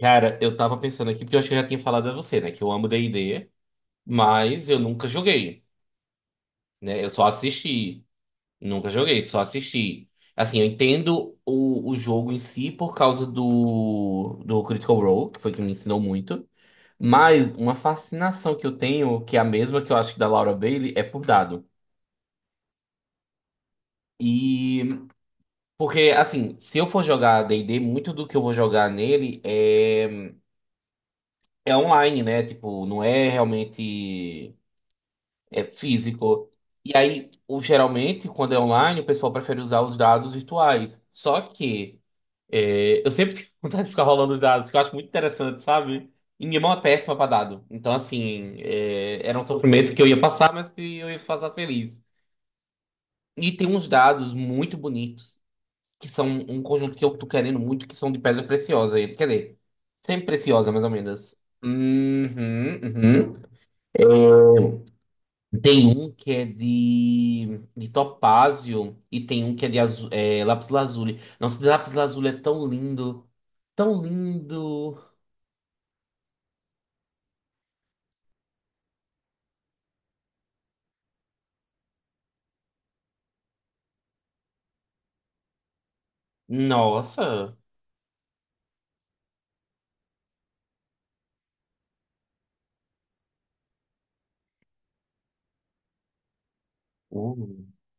Cara, eu tava pensando aqui, porque eu acho que eu já tinha falado a você, né? Que eu amo D&D, mas eu nunca joguei, né? Eu só assisti. Nunca joguei, só assisti. Assim, eu entendo o jogo em si por causa do Critical Role, que foi que me ensinou muito. Mas uma fascinação que eu tenho, que é a mesma que eu acho que da Laura Bailey, é por dado. E... Porque, assim, se eu for jogar D&D, muito do que eu vou jogar nele É online, né? Tipo, não é realmente. É físico. E aí, geralmente, quando é online, o pessoal prefere usar os dados virtuais. Só que eu sempre tenho vontade de ficar rolando os dados, que eu acho muito interessante, sabe? E minha mão é péssima para dado. Então, assim, era um sofrimento que eu ia passar, mas que eu ia passar feliz. E tem uns dados muito bonitos, que são um conjunto que eu tô querendo muito, que são de pedra preciosa. Quer dizer, sempre preciosa, mais ou menos. Uhum, uhum. Tem um que é de topázio e tem um que é de lápis lazuli. Nossa, de lápis lazuli é tão lindo. Tão lindo. Nossa. Uh.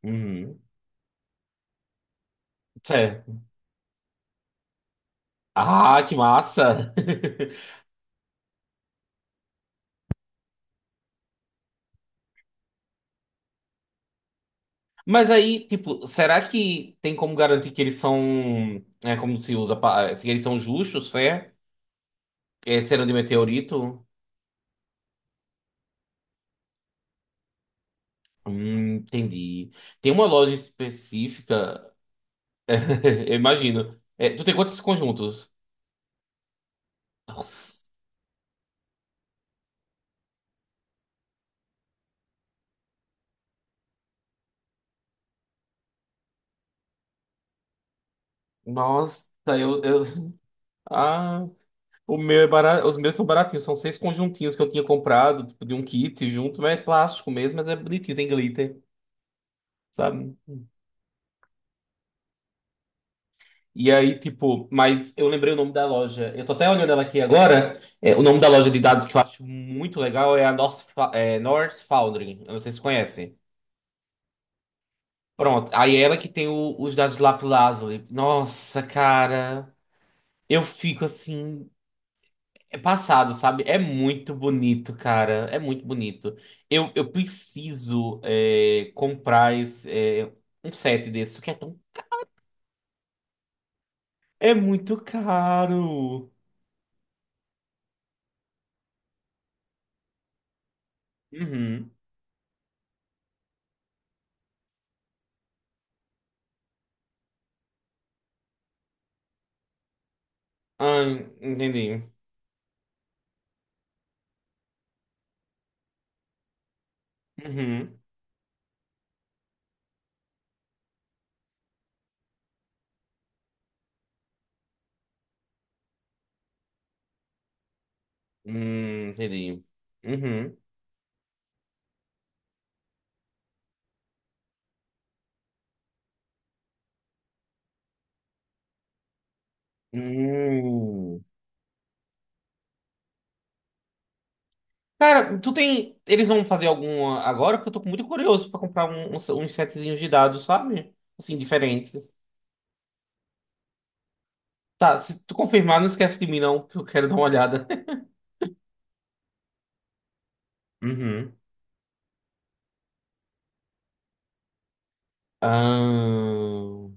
Uhum. Sé. Ah, que massa! Mas aí, tipo, será que tem como garantir que eles são. É como se usa. Se eles são justos, fé? É, serão de meteorito? Entendi. Tem uma loja específica. Eu imagino. É, tu tem quantos conjuntos? Nossa, nossa, eu, eu... Ah, o meu é barato, os meus são baratinhos, são seis conjuntinhos que eu tinha comprado, tipo, de um kit junto, mas é plástico mesmo, mas é bonitinho, tem glitter, sabe? E aí, tipo, mas eu lembrei o nome da loja. Eu tô até olhando ela aqui agora. É, o nome da loja de dados que eu acho muito legal é a North Foundry. Eu não sei se conhecem. Pronto, aí é ela que tem os dados de lápis lazuli. Nossa, cara. Eu fico assim. É passado, sabe? É muito bonito, cara. É muito bonito. Eu preciso comprar esse, um set desse, que é tão... É muito caro. Uhum. Ah, entendi. Uhum. Entendi. Uhum. Hum. Cara, tu tem... Eles vão fazer alguma agora? Porque eu tô muito curioso pra comprar um, uns setzinhos de dados, sabe? Assim, diferentes. Tá, se tu confirmar, não esquece de mim, não, que eu quero dar uma olhada. Uhum. Ah,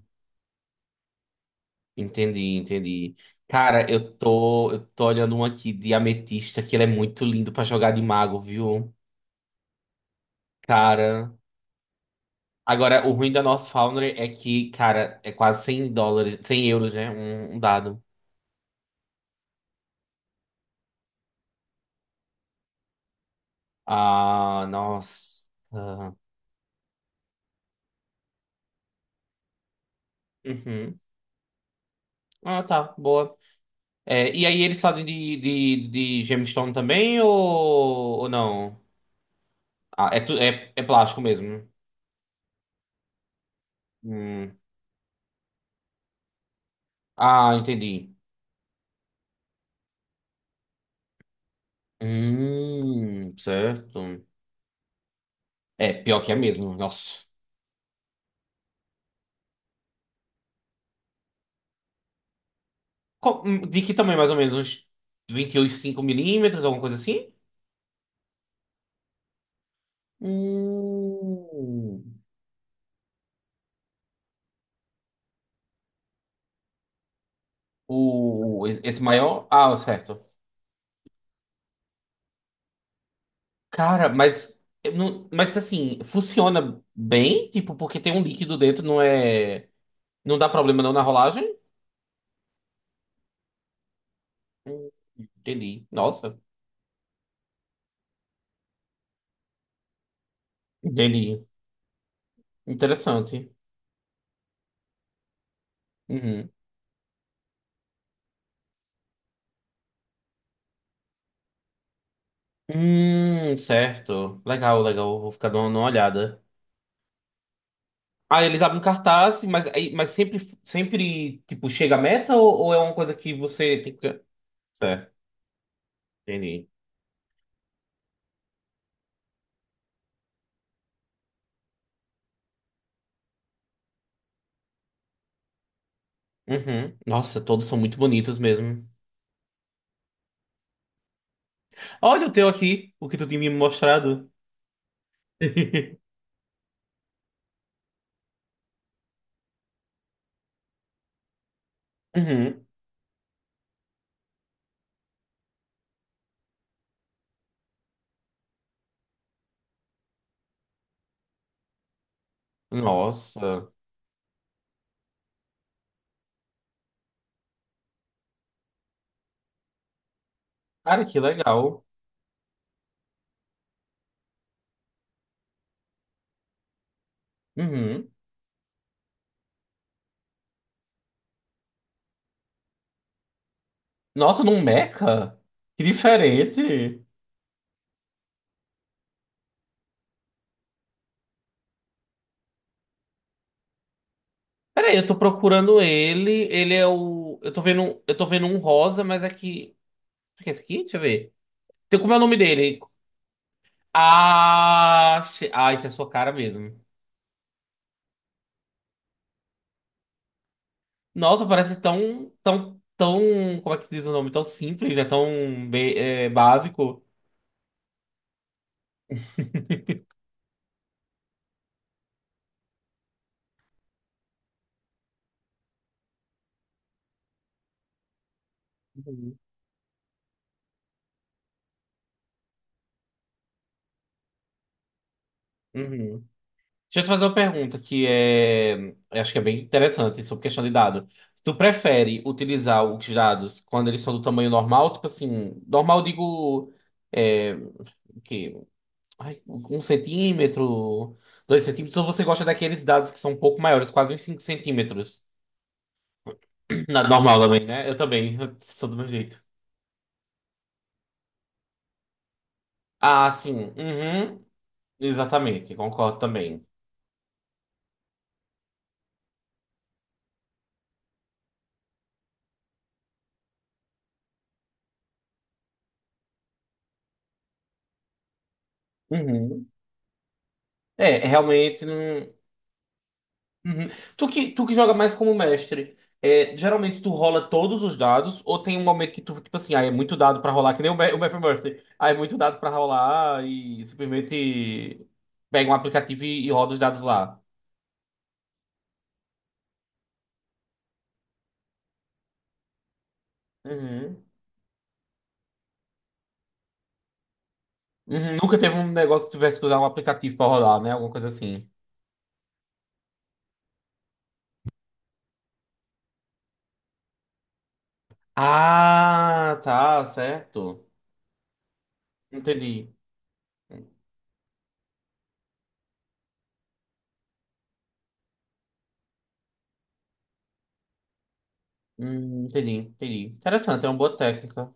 entendi, entendi. Cara, eu tô olhando um aqui de ametista, que ele é muito lindo pra jogar de mago, viu? Cara. Agora, o ruim da nossa Foundry é que, cara, é quase US$ 100, € 100, né? Um dado. Ah, nossa. Uhum. Ah, tá, boa. É, e aí, eles fazem de gemstone também ou não? Ah, é plástico mesmo. Né? Hum. Ah, entendi. Certo. É, pior que é mesmo, nossa. De que tamanho, mais ou menos? Uns 28,5 mm, alguma coisa assim? Hum, esse maior? Ah, certo. Cara, mas, eu não, mas assim, funciona bem? Tipo, porque tem um líquido dentro, não é... Não dá problema não na rolagem? Hum, Entendi. Nossa, entendi. Interessante. Uhum. Certo. Legal, legal. Vou ficar dando uma olhada. Ah, eles abrem um cartaz, mas, mas sempre, sempre, tipo, chega a meta ou é uma coisa que você tem que... Certo, entendi. Uhum. Nossa, todos são muito bonitos mesmo. Olha o teu aqui, o que tu tinha me mostrado. Uhum. Nossa. Cara, que legal. Uhum. Nossa, num Mecha? Que diferente. Peraí, eu tô procurando ele. Ele é o. Eu tô vendo um rosa, mas é que. O que é esse aqui? Deixa eu ver. Tem como é o nome dele? Ah, isso é sua cara mesmo. Nossa, parece tão, tão, tão, como é que se diz o nome? Tão simples, né? Tão básico. Uhum. Uhum. Deixa eu te fazer uma pergunta que é, eu acho que é bem interessante sobre questão de dado. Tu prefere utilizar os dados quando eles são do tamanho normal, tipo assim, normal eu digo o quê? Ai, 1 cm, 2 cm, ou você gosta daqueles dados que são um pouco maiores, quase uns 5 cm? Nada normal também, né? Eu também, eu sou do meu jeito. Ah, sim. Uhum. Exatamente, concordo também. Uhum. É, realmente não. Uhum. Tu que joga mais como mestre, é, geralmente tu rola todos os dados, ou tem um momento que tu, tipo assim, ah, é muito dado pra rolar, que nem o, o Matthew Mercy. Ah, é muito dado pra rolar e simplesmente pega um aplicativo e roda os dados lá. Uhum. Uhum. Nunca teve um negócio que tivesse que usar um aplicativo pra rolar né? Alguma coisa assim. Ah, tá, certo. Entendi. Entendi, entendi. Interessante, é uma boa técnica.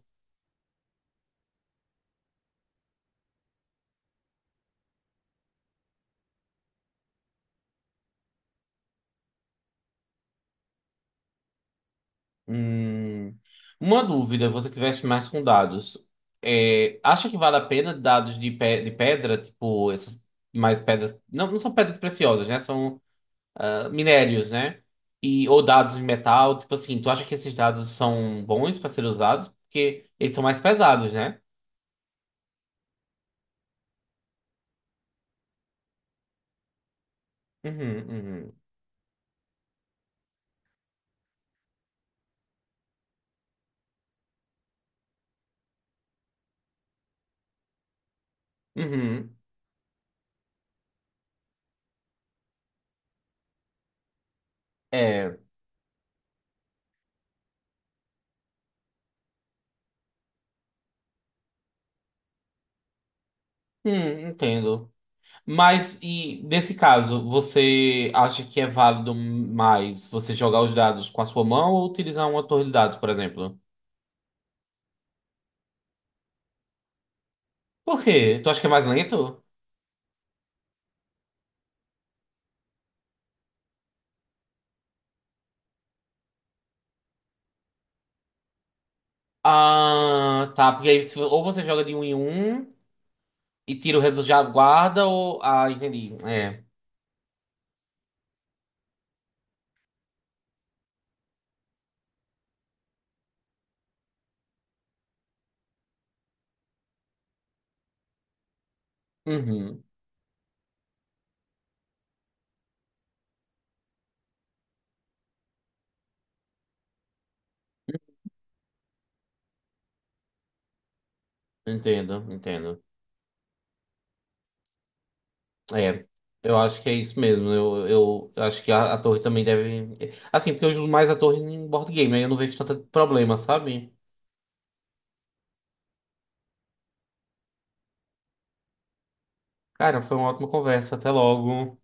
Hum, uma dúvida, você que tivesse mais com dados, é, acha que vale a pena dados de, pe de pedra, tipo essas mais pedras, não, não são pedras preciosas, né? São minérios, né? E ou dados em metal, tipo assim, tu acha que esses dados são bons para ser usados porque eles são mais pesados, né? Uhum, uhum, uhum. É, entendo. Mas e nesse caso, você acha que é válido mais você jogar os dados com a sua mão ou utilizar uma torre de dados, por exemplo? Por quê? Tu acha que é mais lento? Ah, tá. Porque aí ou você joga de um em um e tira o resultado, já guarda, ou. Ah, entendi. É. Uhum. Entendo, entendo. É. Eu acho que é isso mesmo. Eu acho que a torre também deve. Assim, porque eu uso mais a torre em board game, aí eu não vejo tanto problema, sabe? Cara, foi uma ótima conversa. Até logo.